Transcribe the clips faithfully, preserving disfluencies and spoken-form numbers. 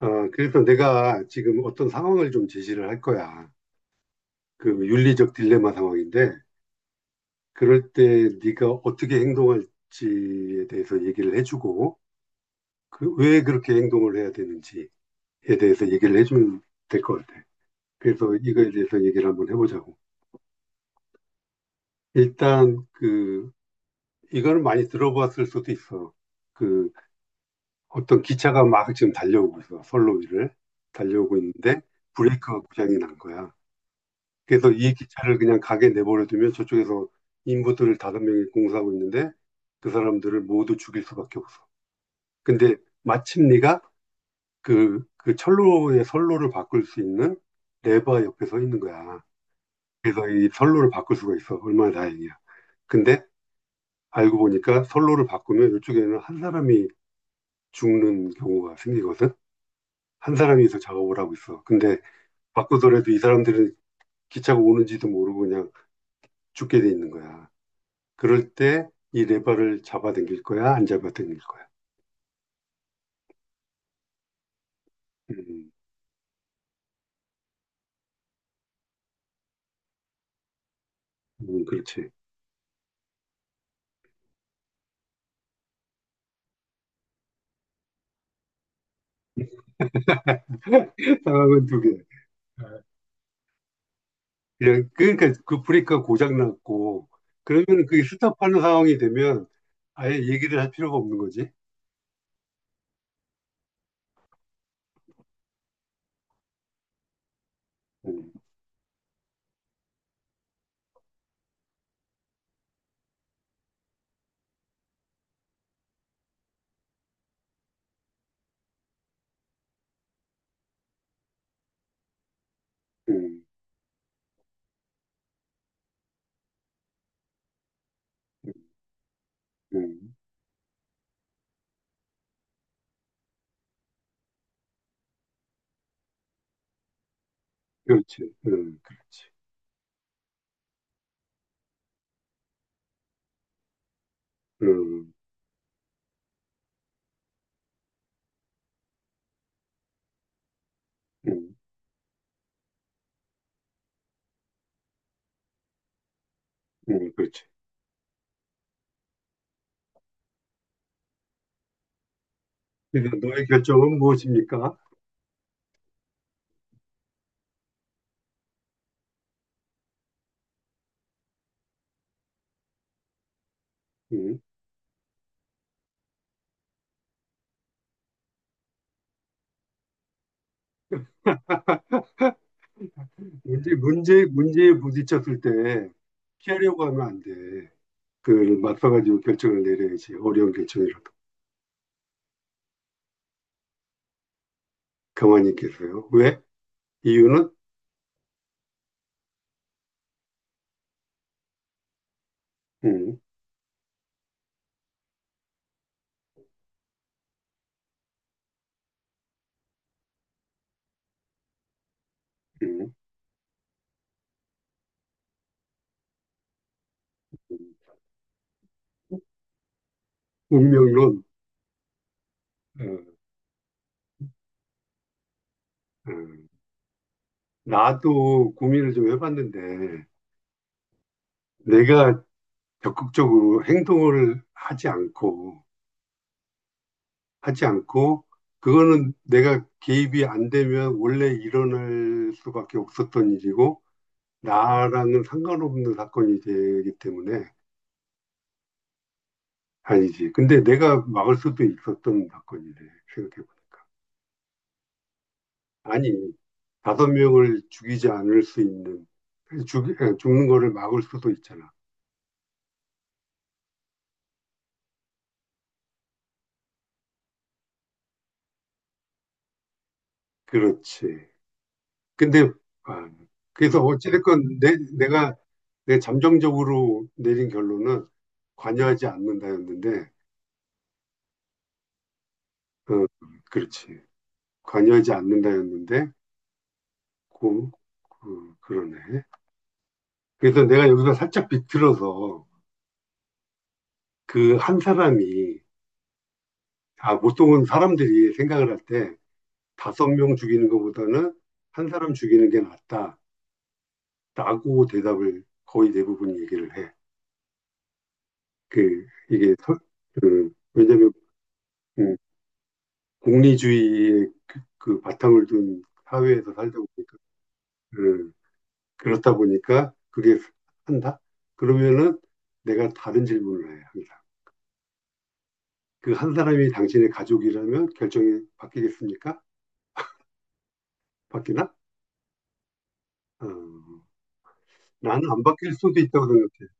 어, 그래서 내가 지금 어떤 상황을 좀 제시를 할 거야. 그 윤리적 딜레마 상황인데, 그럴 때 네가 어떻게 행동할지에 대해서 얘기를 해주고, 그 왜 그렇게 행동을 해야 되는지에 대해서 얘기를 해주면 될 것 같아. 그래서 이거에 대해서 얘기를 한번 해보자고. 일단 그 이거는 많이 들어봤을 수도 있어. 그 어떤 기차가 막 지금 달려오고 있어. 선로 위를 달려오고 있는데 브레이크가 고장이 난 거야. 그래서 이 기차를 그냥 가게 내버려 두면 저쪽에서 인부들을 다섯 명이 공사하고 있는데 그 사람들을 모두 죽일 수밖에 없어. 근데 마침 네가 그, 그 철로의 선로를 바꿀 수 있는 레바 옆에 서 있는 거야. 그래서 이 선로를 바꿀 수가 있어. 얼마나 다행이야. 근데 알고 보니까 선로를 바꾸면 이쪽에는 한 사람이 죽는 경우가 생기거든. 한 사람이서 작업을 하고 있어. 근데 바꾸더라도 이 사람들은 기차가 오는지도 모르고 그냥 죽게 돼 있는 거야. 그럴 때 이 레버를 잡아당길 거야, 안 잡아당길 거야. 음, 음, 그렇지. 상황은 두 개. 아, 그냥 그러니까 그 브레이크가 고장 났고 그러면 그게 스탑하는 상황이 되면 아예 얘기를 할 필요가 없는 거지. 음, 음, 음, 그렇지. 음, 그렇지. 음, 음, 음, 그렇지. 그러니까 너의 결정은 무엇입니까? 음. 문제, 문제, 문제에 부딪혔을 때 피하려고 하면 안 돼. 그걸 맞서가지고 결정을 내려야지. 어려운 결정이라도. 가만히 있겠어요. 왜? 이유는 음, 음, 음. 운명론. 어, 어. 나도 고민을 좀 해봤는데 내가 적극적으로 행동을 하지 않고 하지 않고 그거는 내가 개입이 안 되면 원래 일어날 수밖에 없었던 일이고 나랑은 상관없는 사건이 되기 때문에 아니지. 근데 내가 막을 수도 있었던 사건이래 생각해보니까. 아니 다섯 명을 죽이지 않을 수 있는 죽, 죽는 거를 막을 수도 있잖아. 그렇지. 근데 아, 그래서 어찌됐건 내, 내가 내 잠정적으로 내린 결론은 관여하지 않는다였는데, 어, 그렇지. 관여하지 않는다였는데, 그, 그, 그러네. 그래서 내가 여기서 살짝 비틀어서 그 한 사람이, 아, 보통은 사람들이 생각을 할 때 다섯 명 죽이는 것보다는 한 사람 죽이는 게 낫다. 라고 대답을 거의 대부분 얘기를 해. 그, 이게, 서- 그, 왜냐면, 음, 공리주의의 그, 그 바탕을 둔 사회에서 살다 보니까, 음, 그렇다 보니까 그게 한다? 그러면은 내가 다른 질문을 해, 항상. 그 한 사람이 당신의 가족이라면 결정이 바뀌겠습니까? 바뀌나? 어, 나는 안 바뀔 수도 있다고 생각해.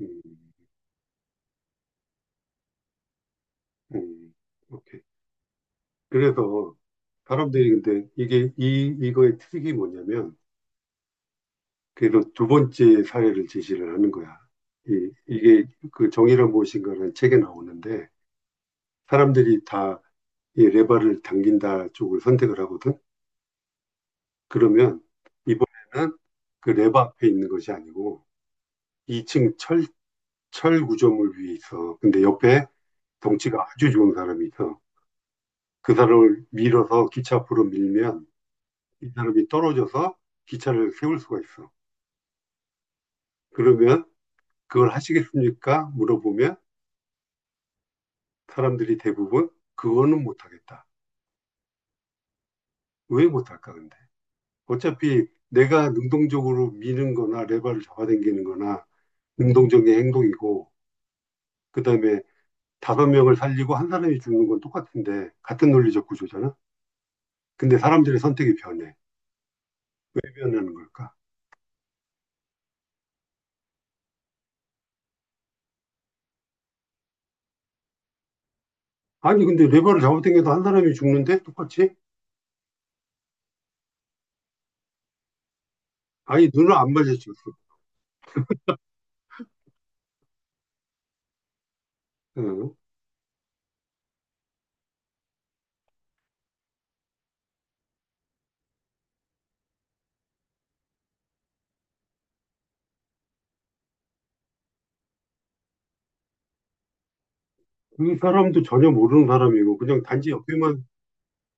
음, 음, 오케이. 그래서 사람들이 근데 이게, 이, 이거의 트릭이 뭐냐면, 그래서 두 번째 사례를 제시를 하는 거야. 이, 이게 그 정의란 무엇인가라는 책에 나오는데 사람들이 다 이 레바를 당긴다 쪽을 선택을 하거든. 그러면 이번에는 그 레바 앞에 있는 것이 아니고 이 층 철, 철 구조물 위에 있어. 근데 옆에 덩치가 아주 좋은 사람이 있어. 그 사람을 밀어서 기차 앞으로 밀면 이 사람이 떨어져서 기차를 세울 수가 있어. 그러면 그걸 하시겠습니까? 물어보면 사람들이 대부분 그거는 못하겠다. 왜 못할까 근데? 어차피 내가 능동적으로 미는 거나 레버를 잡아당기는 거나 능동적인 행동이고 그다음에 다섯 명을 살리고 한 사람이 죽는 건 똑같은데 같은 논리적 구조잖아. 근데 사람들의 선택이 변해. 왜 변하는 걸까? 아니 근데 레버를 잡아당겨도 한 사람이 죽는데 똑같이? 아니 눈을 안 마주쳤어. 응. 그 사람도 전혀 모르는 사람이고 그냥 단지 옆에만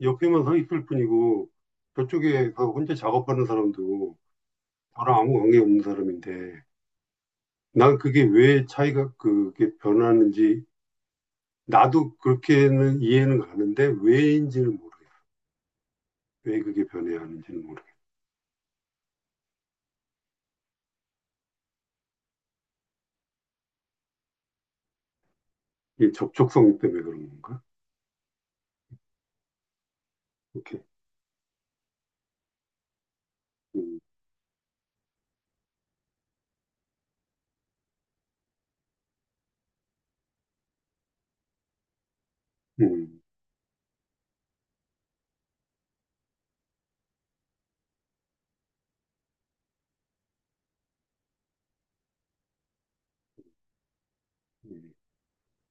옆에만 서 있을 뿐이고 저쪽에서 혼자 작업하는 사람도 저랑 아무 관계 없는 사람인데 난 그게 왜 차이가 그게 변하는지 나도 그렇게는 이해는 가는데 왜인지는 모르겠어. 왜 그게 변해야 하는지는 모르겠어. 이 접촉성 때문에 그런 건가? 오케이. 음, 음, 음.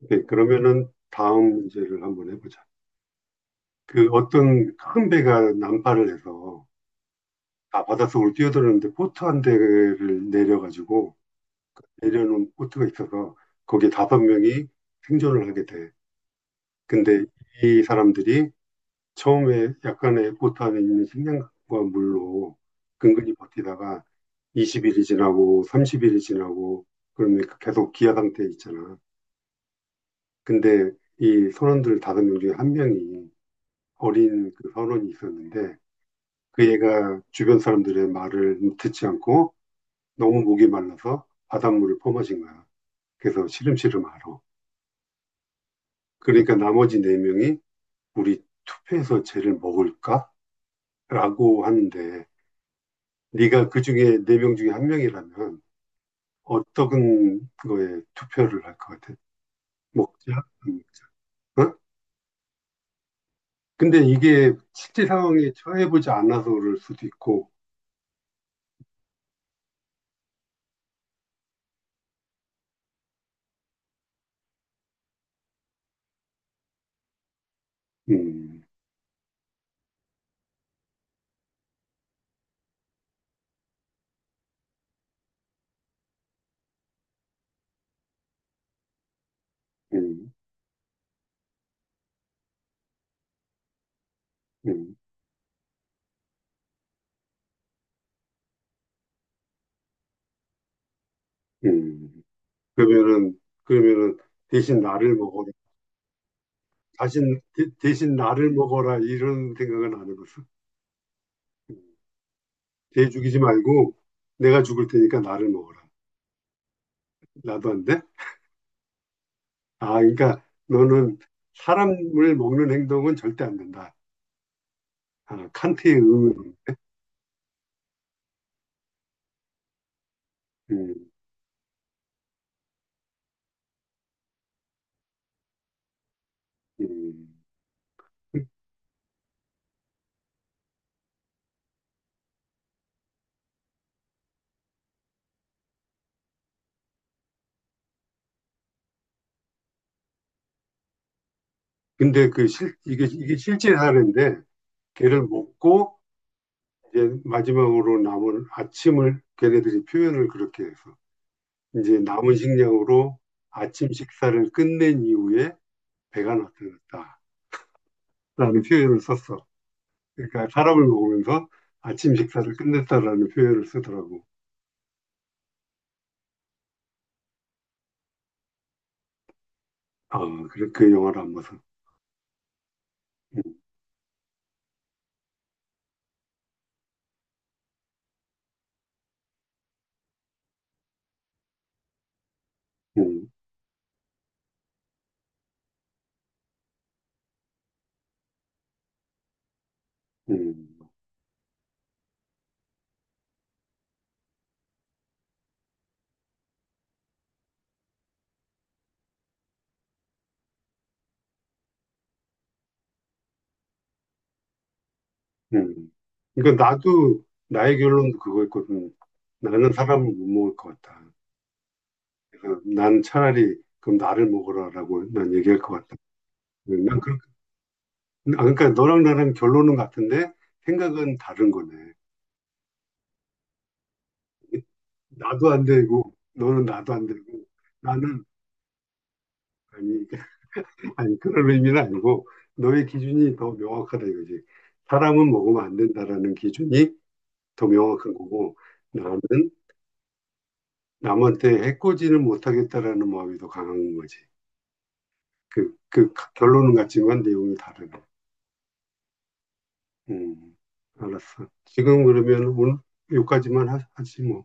오케이. 그러면은 다음 문제를 한번 해보자. 그 어떤 큰 배가 난파를 해서 다 바닷속으로 뛰어들었는데 보트 한 대를 내려가지고 내려놓은 보트가 있어서 거기에 다섯 명이 생존을 하게 돼. 근데 이 사람들이 처음에 약간의 포탄에 있는 식량과 물로 근근히 버티다가 이십 일이 지나고 삼십 일이 지나고 그러면 계속 기아 상태에 있잖아. 근데 이 선원들 다섯 명 중에 한 명이 어린 그 선원이 있었는데 그 애가 주변 사람들의 말을 듣지 않고 너무 목이 말라서 바닷물을 퍼마신 거야. 그래서 시름시름 앓아. 그러니까 나머지 네 명이 우리 투표해서 쟤를 먹을까? 라고 하는데 네가 그 중에 네 명 중에 한 명이라면 어떤 거에 투표를 할 것 같아? 먹자? 음. 어? 근데 이게 실제 상황에 처해보지 않아서 그럴 수도 있고, 음, 음, 음, 음. 그러면은, 그러면은 대신 나를 먹어라. 신 대, 대신 나를 먹어라. 이런 생각은 안 해봤어. 음. 쟤 죽이지 말고 내가 죽을 테니까 나를 먹어라. 나도 안 돼? 아, 그러니까 너는 사람을 먹는 행동은 절대 안 된다. 아, 칸트의 의문. 음, 음. 근데 그 실, 이게, 이게 실제 사례인데, 걔를 먹고, 이제 마지막으로 남은 아침을 걔네들이 표현을 그렇게 해서, 이제 남은 식량으로 아침 식사를 끝낸 이후에 배가 나타났다라는 표현을 썼어. 그러니까 사람을 먹으면서 아침 식사를 끝냈다라는 표현을 쓰더라고. 아, 그래, 그 영화를 안 봐서. 음, 음, 음. 음. 그러니까 나도 나의 결론도 그거였거든. 나는 사람을 못 먹을 것 같다. 그래서 난 차라리 그럼 나를 먹으라라고 난 얘기할 것 같다. 난 그렇게 아, 그러니까 너랑 나랑 결론은 같은데 생각은 다른 거네. 나도 안 되고 너는 나도 안 되고 나는 아니 아니 그런 의미는 아니고 너의 기준이 더 명확하다 이거지. 사람은 먹으면 안 된다라는 기준이 더 명확한 거고 나는 남한테 해코지를 못하겠다라는 마음이 더 강한 거지. 그, 그 결론은 같지만 내용이 다르네. 음, 알았어. 지금 그러면 오늘 여기까지만 하, 하지 뭐.